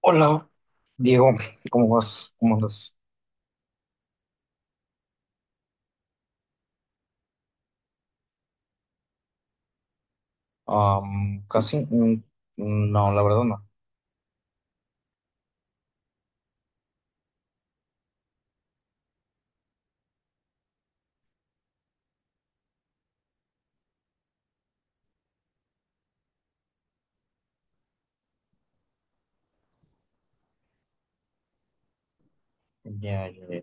Hola, Diego, ¿cómo vas? ¿Cómo andas? Am, casi, mm, no, la verdad no. Ya, ya, ya.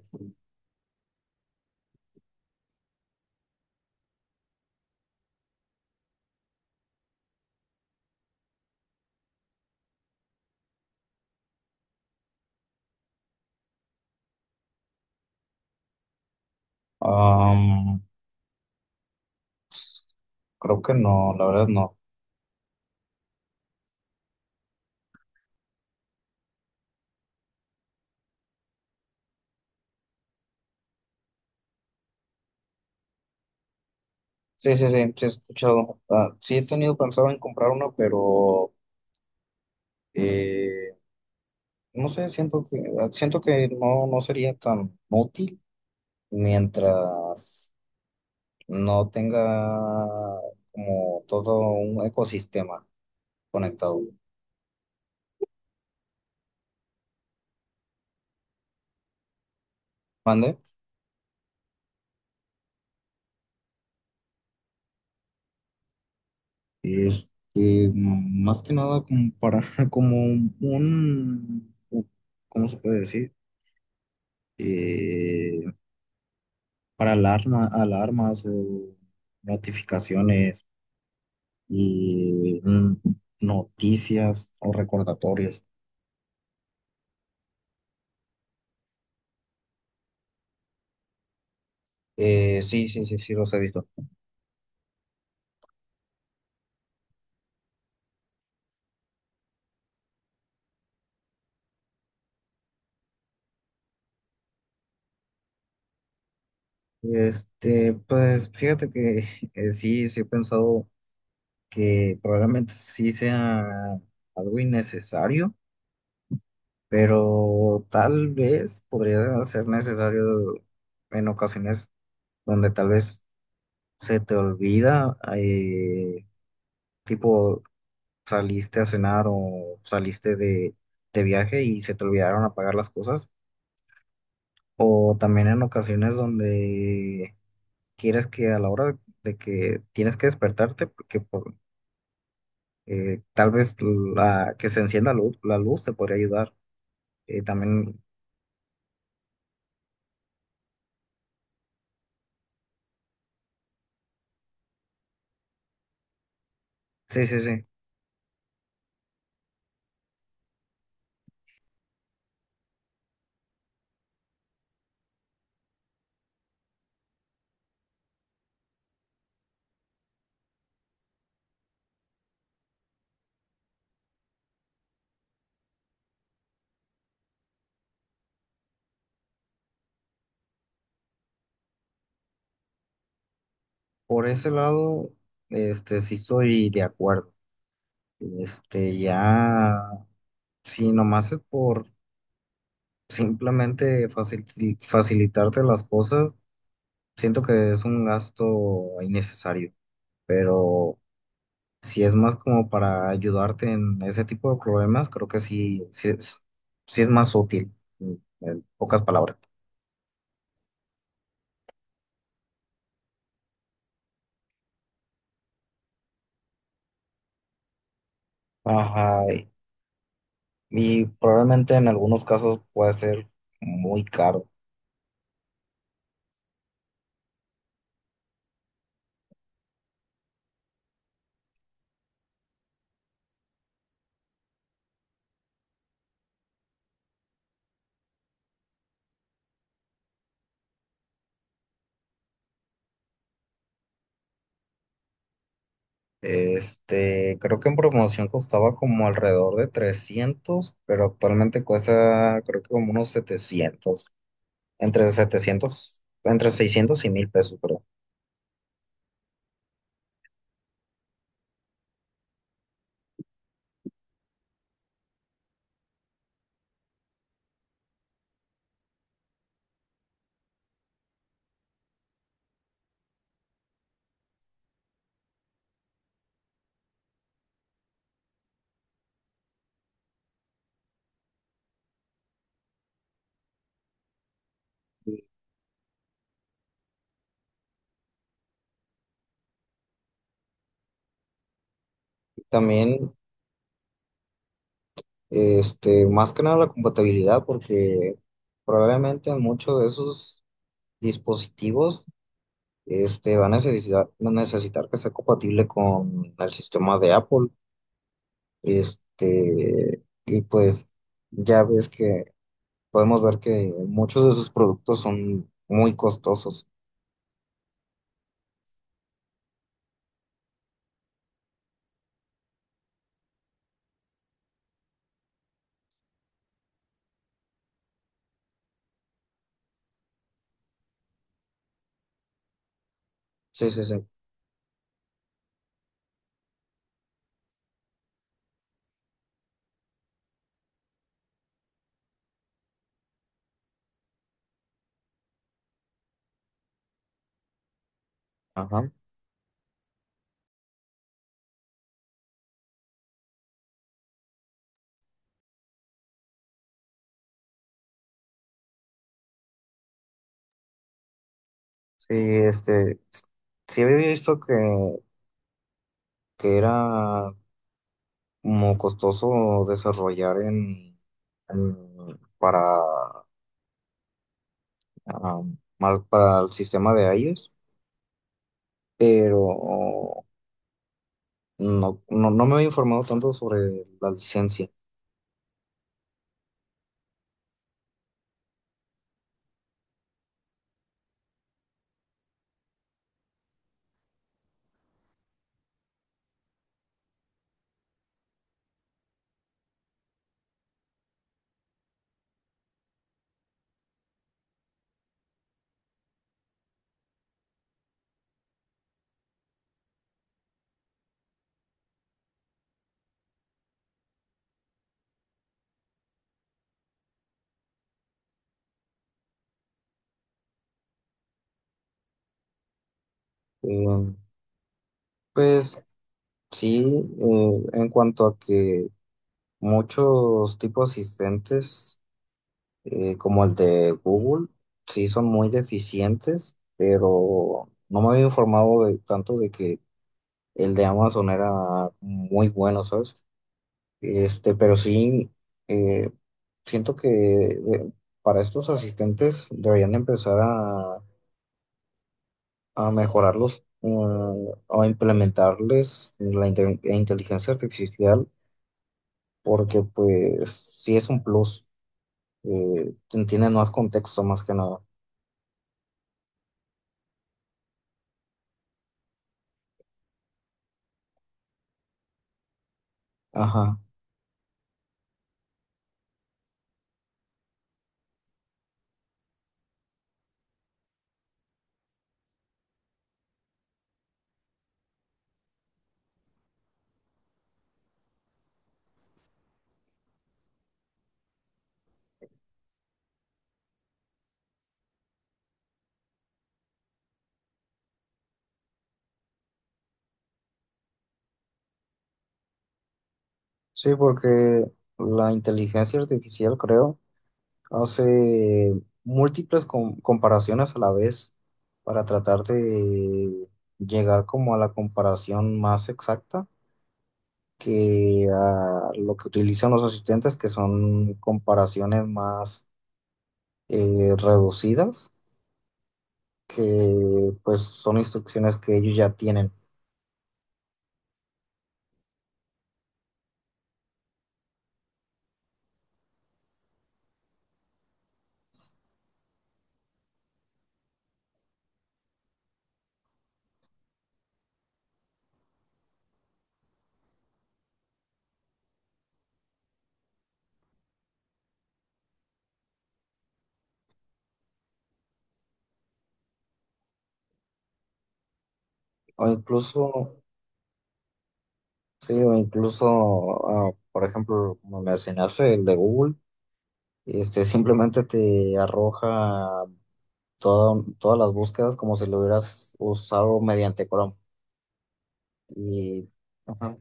Am, Creo que no, la verdad no. Sí, sí, sí, sí he escuchado. Ah, sí he tenido pensado en comprar uno, pero eh, no sé, siento que no, no sería tan útil mientras no tenga como todo un ecosistema conectado. ¿Mande? Este, Más que nada como para, como un, ¿cómo se puede decir? Eh, para alarmas o notificaciones y noticias o recordatorios. Sí, sí, sí, sí, los he visto. Este, pues fíjate que sí, sí he pensado que probablemente sí sea algo innecesario, pero tal vez podría ser necesario en ocasiones donde tal vez se te olvida, tipo saliste a cenar o saliste de viaje y se te olvidaron apagar las cosas, o también en ocasiones donde quieres que a la hora de que tienes que despertarte, tal vez que se encienda la luz te podría ayudar. Eh, también, sí, sí, sí. Por ese lado, este, sí estoy de acuerdo. Este, ya, si nomás es por simplemente facilitarte las cosas, siento que es un gasto innecesario. Pero si es más como para ayudarte en ese tipo de problemas, creo que sí, sí es más útil, en pocas palabras. Ajá, y probablemente en algunos casos puede ser muy caro. Este, creo que en promoción costaba como alrededor de 300, pero actualmente cuesta creo que como unos 700, entre setecientos, entre 600 y 1000 pesos, creo. También, este, más que nada la compatibilidad, porque probablemente en muchos de esos dispositivos, este, van a necesitar que sea compatible con el sistema de Apple, este, y pues ya ves que podemos ver que muchos de sus productos son muy costosos. Sí, sí, sí. Ajá. Sí, este, sí había visto que era como costoso desarrollar para, ah, para el sistema de iOS, pero no me había informado tanto sobre la licencia. Eh, pues sí, en cuanto a que muchos tipos asistentes como el de Google, sí son muy deficientes, pero no me había informado de, tanto de que el de Amazon era muy bueno, ¿sabes? Este, pero sí, eh, siento que para estos asistentes deberían empezar a mejorarlos, o a implementarles la inteligencia artificial, porque pues sí es un plus, entienden más contexto más que nada. Ajá. Sí, porque la inteligencia artificial, creo, hace múltiples comparaciones a la vez para tratar de llegar como a la comparación más exacta que a lo que utilizan los asistentes, que son comparaciones más reducidas, que pues son instrucciones que ellos ya tienen. O incluso, sí, o incluso, por ejemplo, como mencionaste, el de Google. Este, simplemente te arroja todas las búsquedas como si lo hubieras usado mediante Chrome. Y, ajá,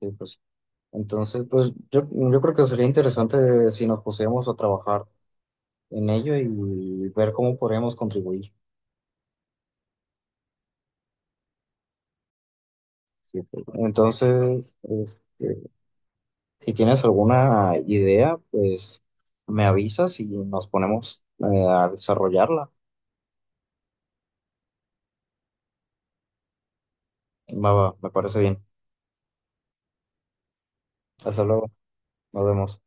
sí, pues. Entonces, pues yo creo que sería interesante si nos pusiéramos a trabajar en ello y ver cómo podríamos contribuir. Sí, pues. Entonces, este, si tienes alguna idea, pues me avisas y nos ponemos a desarrollarla. Va, va, me parece bien. Hasta luego, nos vemos.